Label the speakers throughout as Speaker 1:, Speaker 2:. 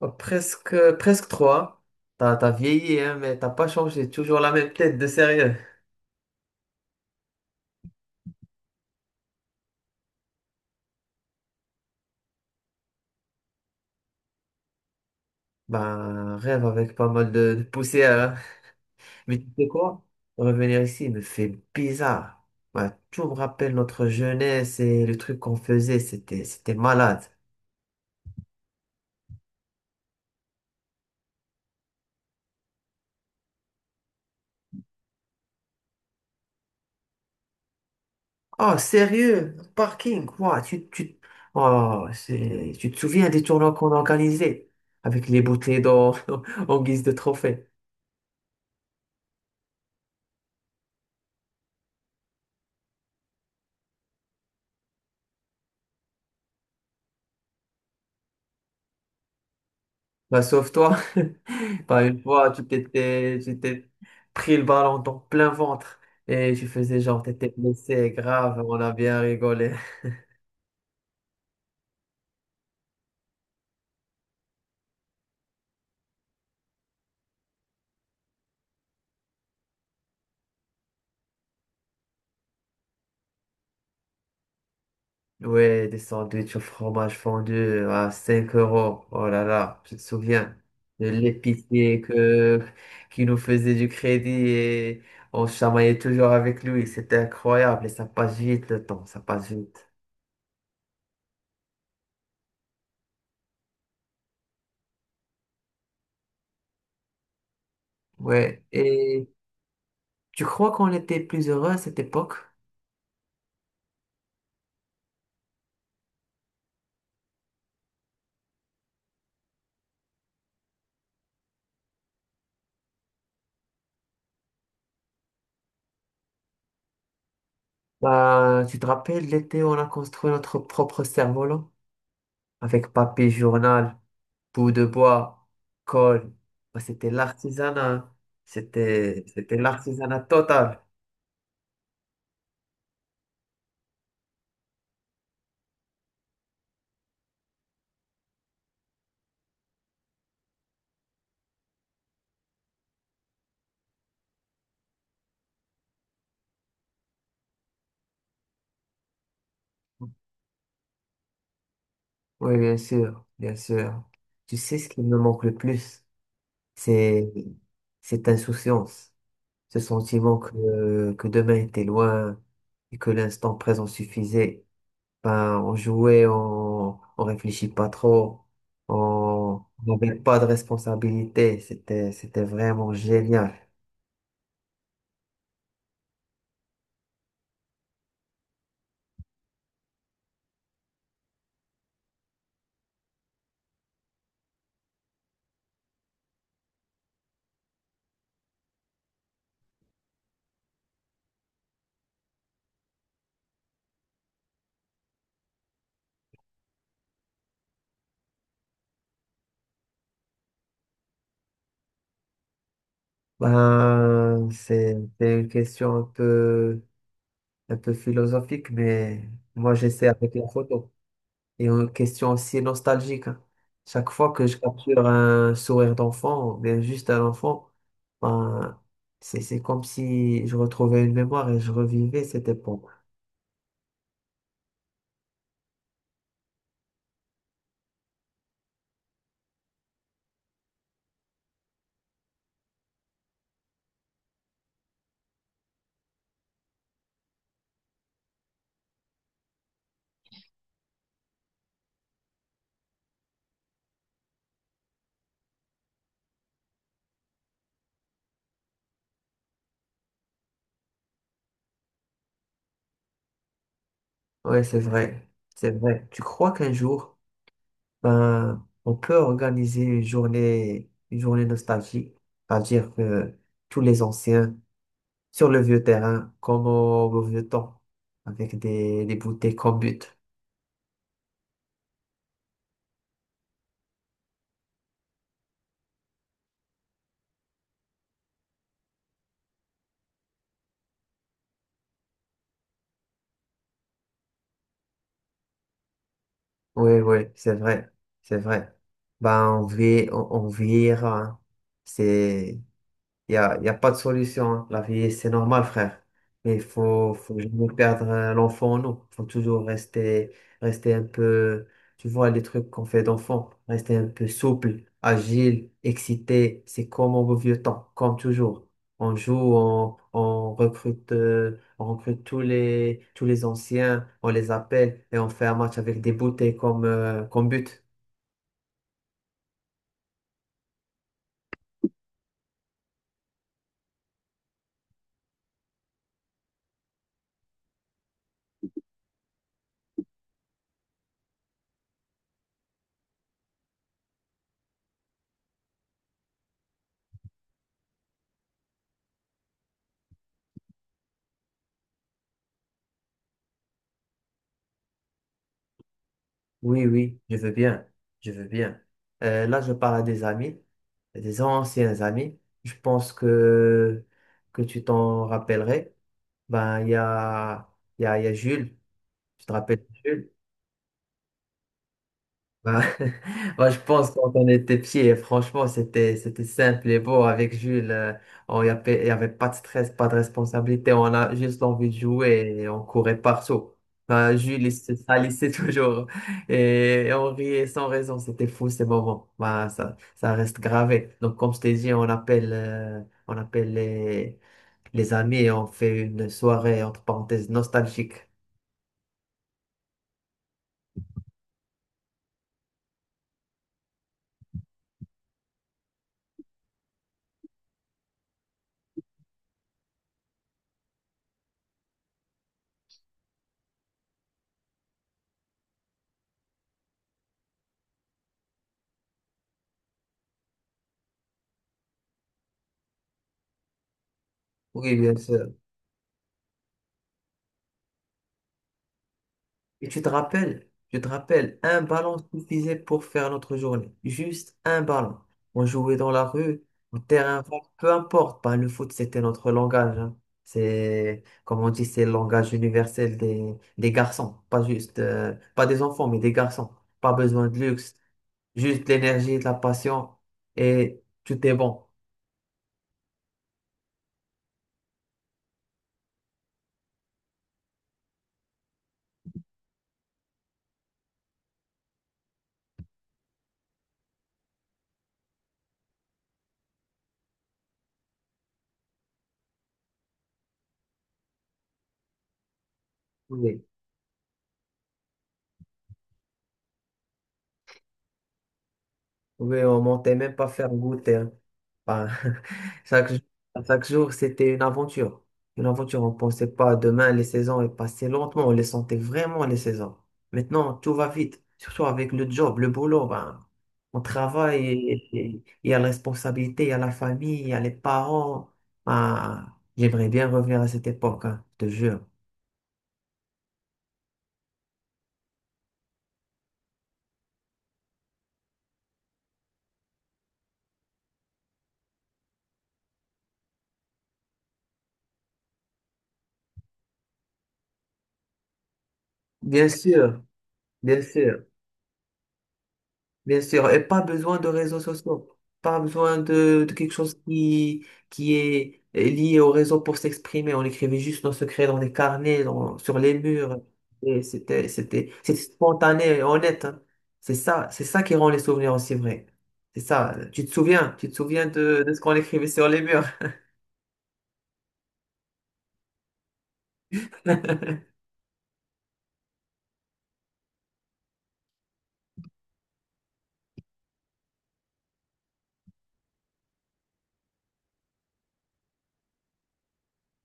Speaker 1: Oh, presque, presque trois. T'as vieilli, hein, mais t'as pas changé. Toujours la même tête de sérieux. Ben, rêve avec pas mal de poussière, hein. Mais tu sais quoi? Revenir ici me fait bizarre. Ben, tout me rappelle notre jeunesse et le truc qu'on faisait. C'était malade. Oh, sérieux? Parking, quoi? Tu te souviens des tournois qu'on organisait avec les bouteilles d'or en guise de trophée? Bah sauve-toi. Pas une fois, tu t'es pris le ballon dans plein ventre et tu faisais genre, t'étais blessé, grave, on a bien rigolé. Ouais, des sandwichs au fromage fondu à 5 euros. Oh là là, je te souviens de qui nous faisait du crédit et on se chamaillait toujours avec lui. C'était incroyable et ça passe vite le temps, ça passe vite. Ouais, et tu crois qu'on était plus heureux à cette époque? Bah, tu te rappelles, l'été, on a construit notre propre cerf-volant avec papier journal, bout de bois, colle. Bah, c'était l'artisanat. C'était l'artisanat total. Oui, bien sûr, bien sûr. Tu sais ce qui me manque le plus, c'est cette insouciance, ce sentiment que demain était loin et que l'instant présent suffisait. Ben, on jouait, on réfléchit pas trop, on n'avait pas de responsabilité. C'était vraiment génial. Ben, c'est une question un peu philosophique, mais moi j'essaie avec la photo. Et une question aussi nostalgique, hein. Chaque fois que je capture un sourire d'enfant, ou bien juste un enfant, ben, c'est comme si je retrouvais une mémoire et je revivais cette époque. Ouais, c'est vrai. C'est vrai. Tu crois qu'un jour, ben, on peut organiser une journée nostalgique, c'est-à-dire que tous les anciens sur le vieux terrain, comme au vieux temps, avec des bouteilles comme but. Oui, oui, c'est vrai. C'est vrai. Ben, on vit, on vieillira, hein. C'est, y a pas de solution, hein. La vie, c'est normal, frère. Mais faut jamais perdre l'enfant en nous. Il faut toujours rester, rester un peu, tu vois, les trucs qu'on fait d'enfant. Rester un peu souple, agile, excité. C'est comme au vieux temps, comme toujours. On joue, on recrute tous les anciens, on les appelle et on fait un match avec des bouteilles comme, comme but. Oui, oui, je veux bien, je veux bien. Là, je parle à des amis, des anciens amis. Je pense que tu t'en rappellerais. Ben, il y a Jules, tu te rappelles de Jules? Bah, bah, je pense quand on était pieds, franchement, c'était simple et beau avec Jules, on y avait, il y avait pas de stress, pas de responsabilité. On a juste envie de jouer et on courait partout. Bah, Jules, il se salissait toujours et on riait sans raison. C'était fou ces moments. Bah, ça reste gravé. Donc, comme je t'ai dit, on appelle les amis et on fait une soirée, entre parenthèses, nostalgique. Oui, bien sûr. Et tu te rappelles, je te rappelle, un ballon suffisait pour faire notre journée. Juste un ballon. On jouait dans la rue, au terrain vague, peu importe. Ben, le foot, c'était notre langage, hein. C'est, comme on dit, c'est le langage universel des garçons. Pas juste, pas des enfants, mais des garçons. Pas besoin de luxe, juste l'énergie, de la passion et tout est bon. Oui. Oui, on montait même pas faire goûter, hein. Enfin, chaque, jour- chaque jour, c'était une aventure. Une aventure, on pensait pas demain, les saisons elles passaient lentement, on les sentait vraiment, les saisons. Maintenant, tout va vite, surtout avec le job, le boulot. Ben, on travaille, il y a la responsabilité, il y a la famille, il y a les parents. Ben, j'aimerais bien revenir à cette époque, hein, je te jure. Bien sûr, bien sûr. Bien sûr, et pas besoin de réseaux sociaux, pas besoin de quelque chose qui est lié au réseau pour s'exprimer. On écrivait juste nos secrets dans des carnets, sur les murs. Et c'était spontané et honnête, hein. C'est ça qui rend les souvenirs aussi vrais. C'est ça. Tu te souviens de ce qu'on écrivait sur les murs.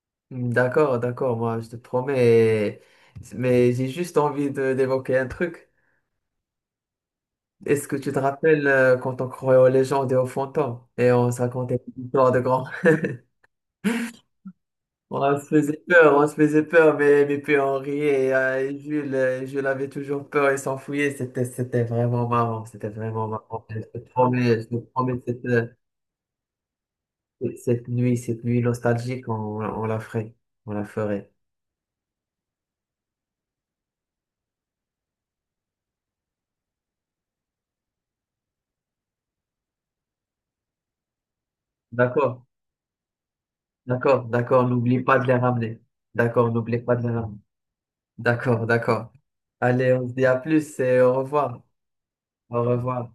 Speaker 1: D'accord, d'accord, moi je te promets, mais j'ai juste d'évoquer un truc. Est-ce que tu te rappelles quand on croyait aux légendes et aux fantômes et on se racontait des histoires de grands? On se faisait peur, mais puis on riait. Et, Jules, Jules avait toujours peur et s'enfuyait. C'était vraiment marrant. Je te promets cette, cette nuit, on la ferait, on la ferait. D'accord, d'accord, d'accord. N'oublie pas de les ramener. D'accord, n'oublie pas de les ramener. D'accord, d'accord. Allez, on se dit à plus et au revoir. Au revoir.